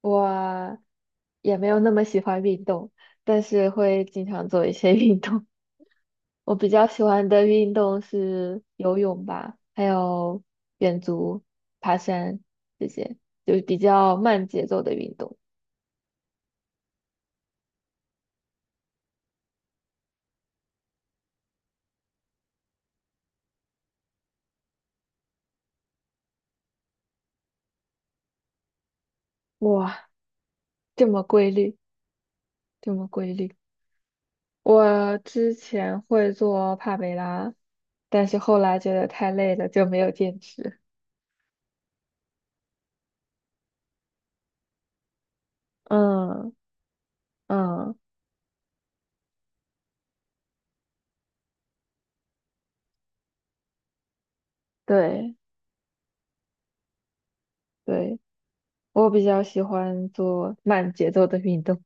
我也没有那么喜欢运动，但是会经常做一些 运动。我比较喜欢的运动是游泳吧，还有远足、爬山这些，就是比较慢节奏的运动。哇，这么规律，这么规律。我之前会做帕梅拉，但是后来觉得太累了，就没有坚持。嗯嗯，对对，我比较喜欢做慢节奏的运动。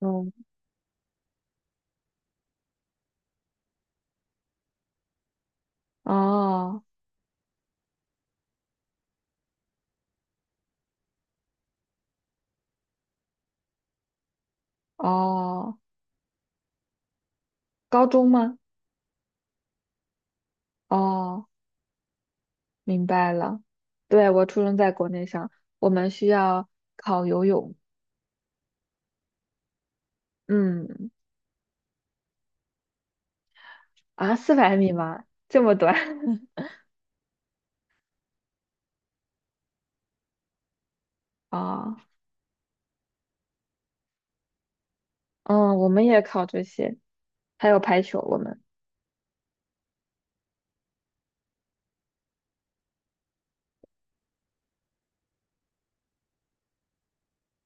嗯，哦哦，高中吗？哦，明白了。对，我初中在国内上，我们需要考游泳。嗯，啊，400米吗？这么短？啊、嗯，我们也考这些，还有排球。我们，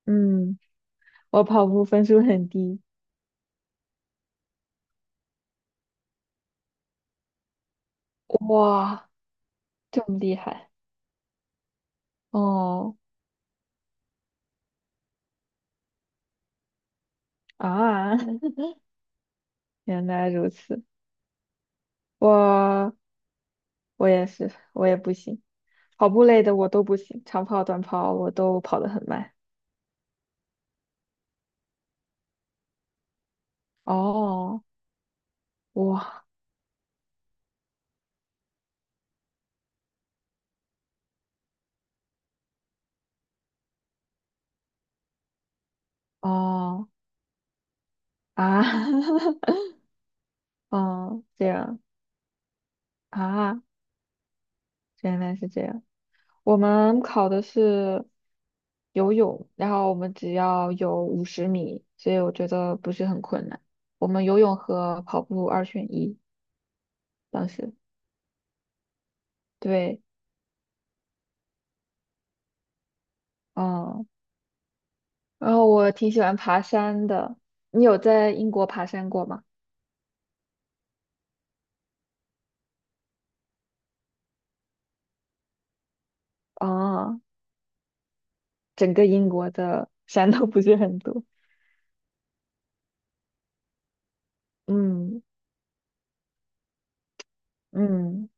嗯，我跑步分数很低。哇，这么厉害！哦啊，原来如此。我我也是，我也不行，跑步类的我都不行，长跑、短跑我都跑得很慢。哦，哇，哦啊，哦，这样啊，原来是这样。我们考的是游泳，然后我们只要有50米，所以我觉得不是很困难。我们游泳和跑步二选一，当时对，嗯，然后我挺喜欢爬山的。你有在英国爬山过吗？哦，整个英国的山都不是很多。嗯嗯，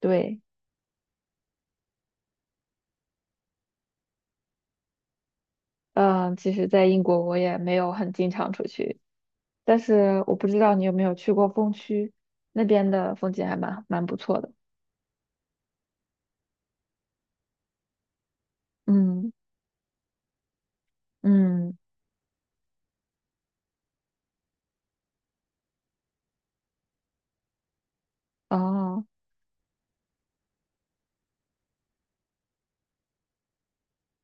对。嗯，其实，在英国我也没有很经常出去，但是我不知道你有没有去过风区，那边的风景还蛮不错的。嗯嗯，哦，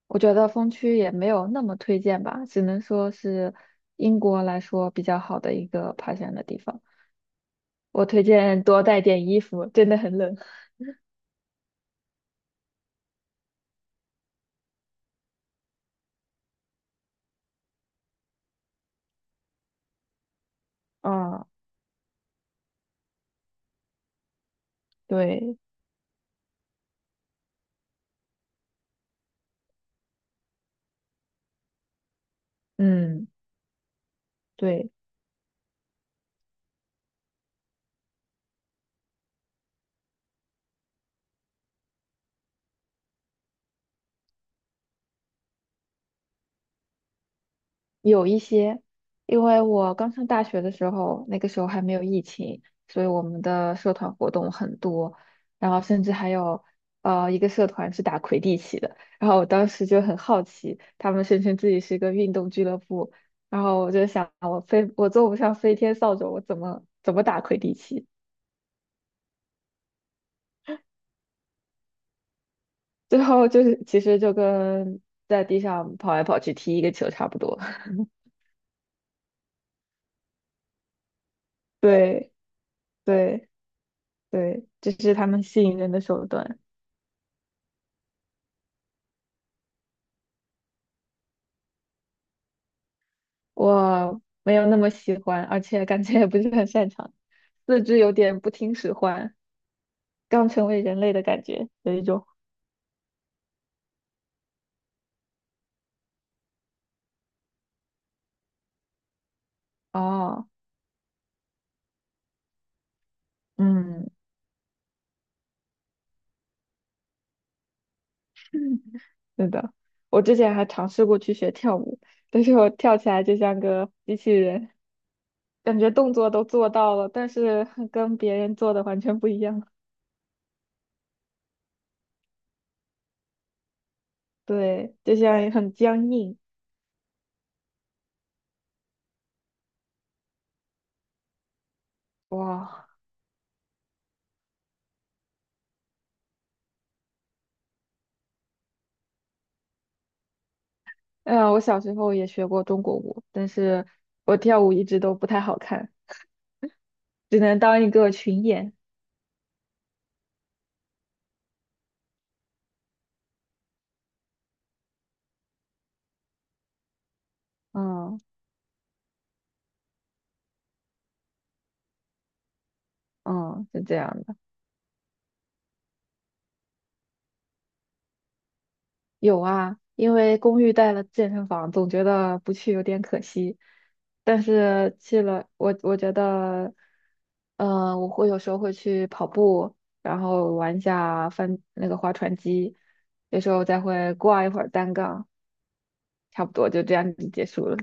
我觉得风区也没有那么推荐吧，只能说是英国来说比较好的一个爬山的地方。我推荐多带点衣服，真的很冷。啊，对，嗯，对。有一些，因为我刚上大学的时候，那个时候还没有疫情，所以我们的社团活动很多，然后甚至还有一个社团是打魁地奇的，然后我当时就很好奇，他们声称自己是一个运动俱乐部，然后我就想我坐不上飞天扫帚，我怎么打魁地奇？最后就是其实就跟在地上跑来跑去踢一个球差不多，对对对，这是他们吸引人的手段。我没有那么喜欢，而且感觉也不是很擅长，四肢有点不听使唤，刚成为人类的感觉，有一种哦，嗯，是的，我之前还尝试过去学跳舞，但是我跳起来就像个机器人，感觉动作都做到了，但是跟别人做的完全不一样，对，就像很僵硬，哇，嗯，我小时候也学过中国舞，但是我跳舞一直都不太好看，只能当一个群演。嗯嗯，是这样的。有啊，因为公寓带了健身房，总觉得不去有点可惜。但是去了，我觉得，我会有时候会去跑步，然后玩一下翻那个划船机，有时候再会挂一会儿单杠，差不多就这样子结束了。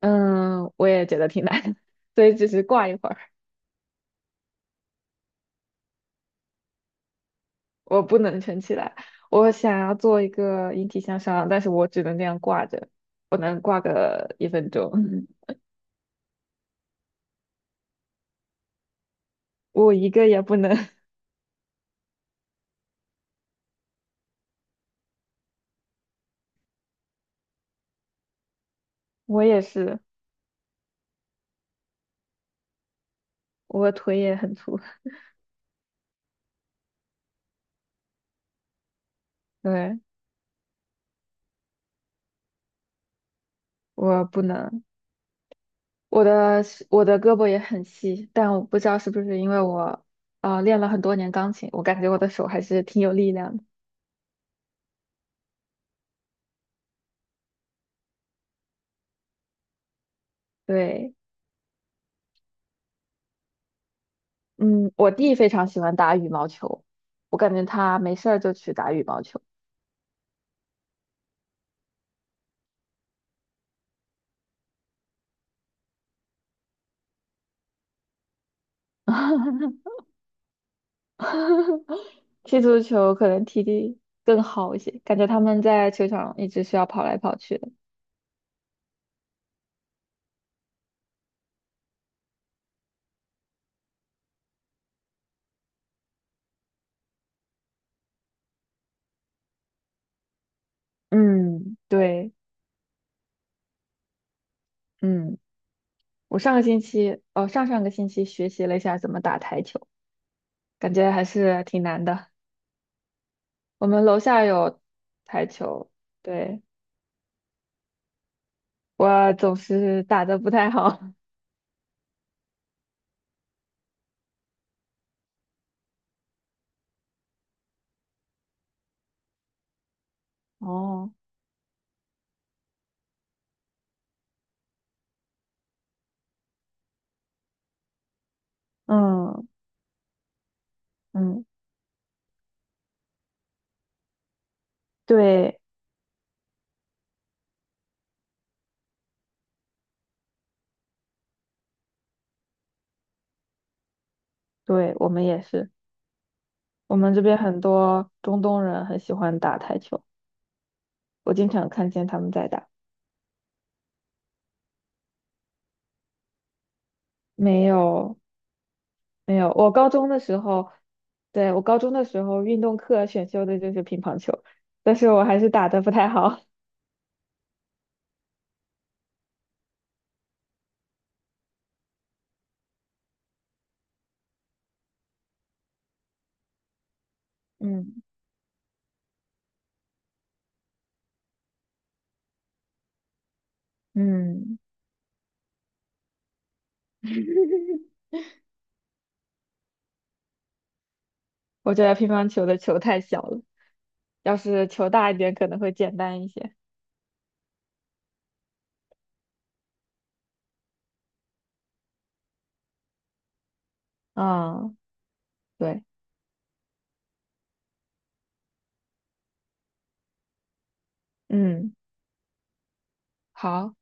嗯，我也觉得挺难的，所以只是挂一会儿。我不能撑起来，我想要做一个引体向上，但是我只能这样挂着，我能挂个1分钟，我一个也不能，我也是，我腿也很粗，对，我不能，我的我的胳膊也很细，但我不知道是不是因为我练了很多年钢琴，我感觉我的手还是挺有力量的，对，嗯，我弟非常喜欢打羽毛球，我感觉他没事儿就去打羽毛球。踢足球可能踢的更好一些，感觉他们在球场一直需要跑来跑去的。嗯，对，嗯，我上个星期，哦，上上个星期学习了一下怎么打台球，感觉还是挺难的。我们楼下有台球，对，我总是打的不太好。哦，嗯嗯，对对，我们也是，我们这边很多中东人很喜欢打台球，我经常看见他们在打。没有。没有，我高中的时候，对，我高中的时候运动课选修的就是乒乓球，但是我还是打得不太好。嗯嗯，我觉得乒乓球的球太小了，要是球大一点可能会简单一些。啊，对，嗯。好。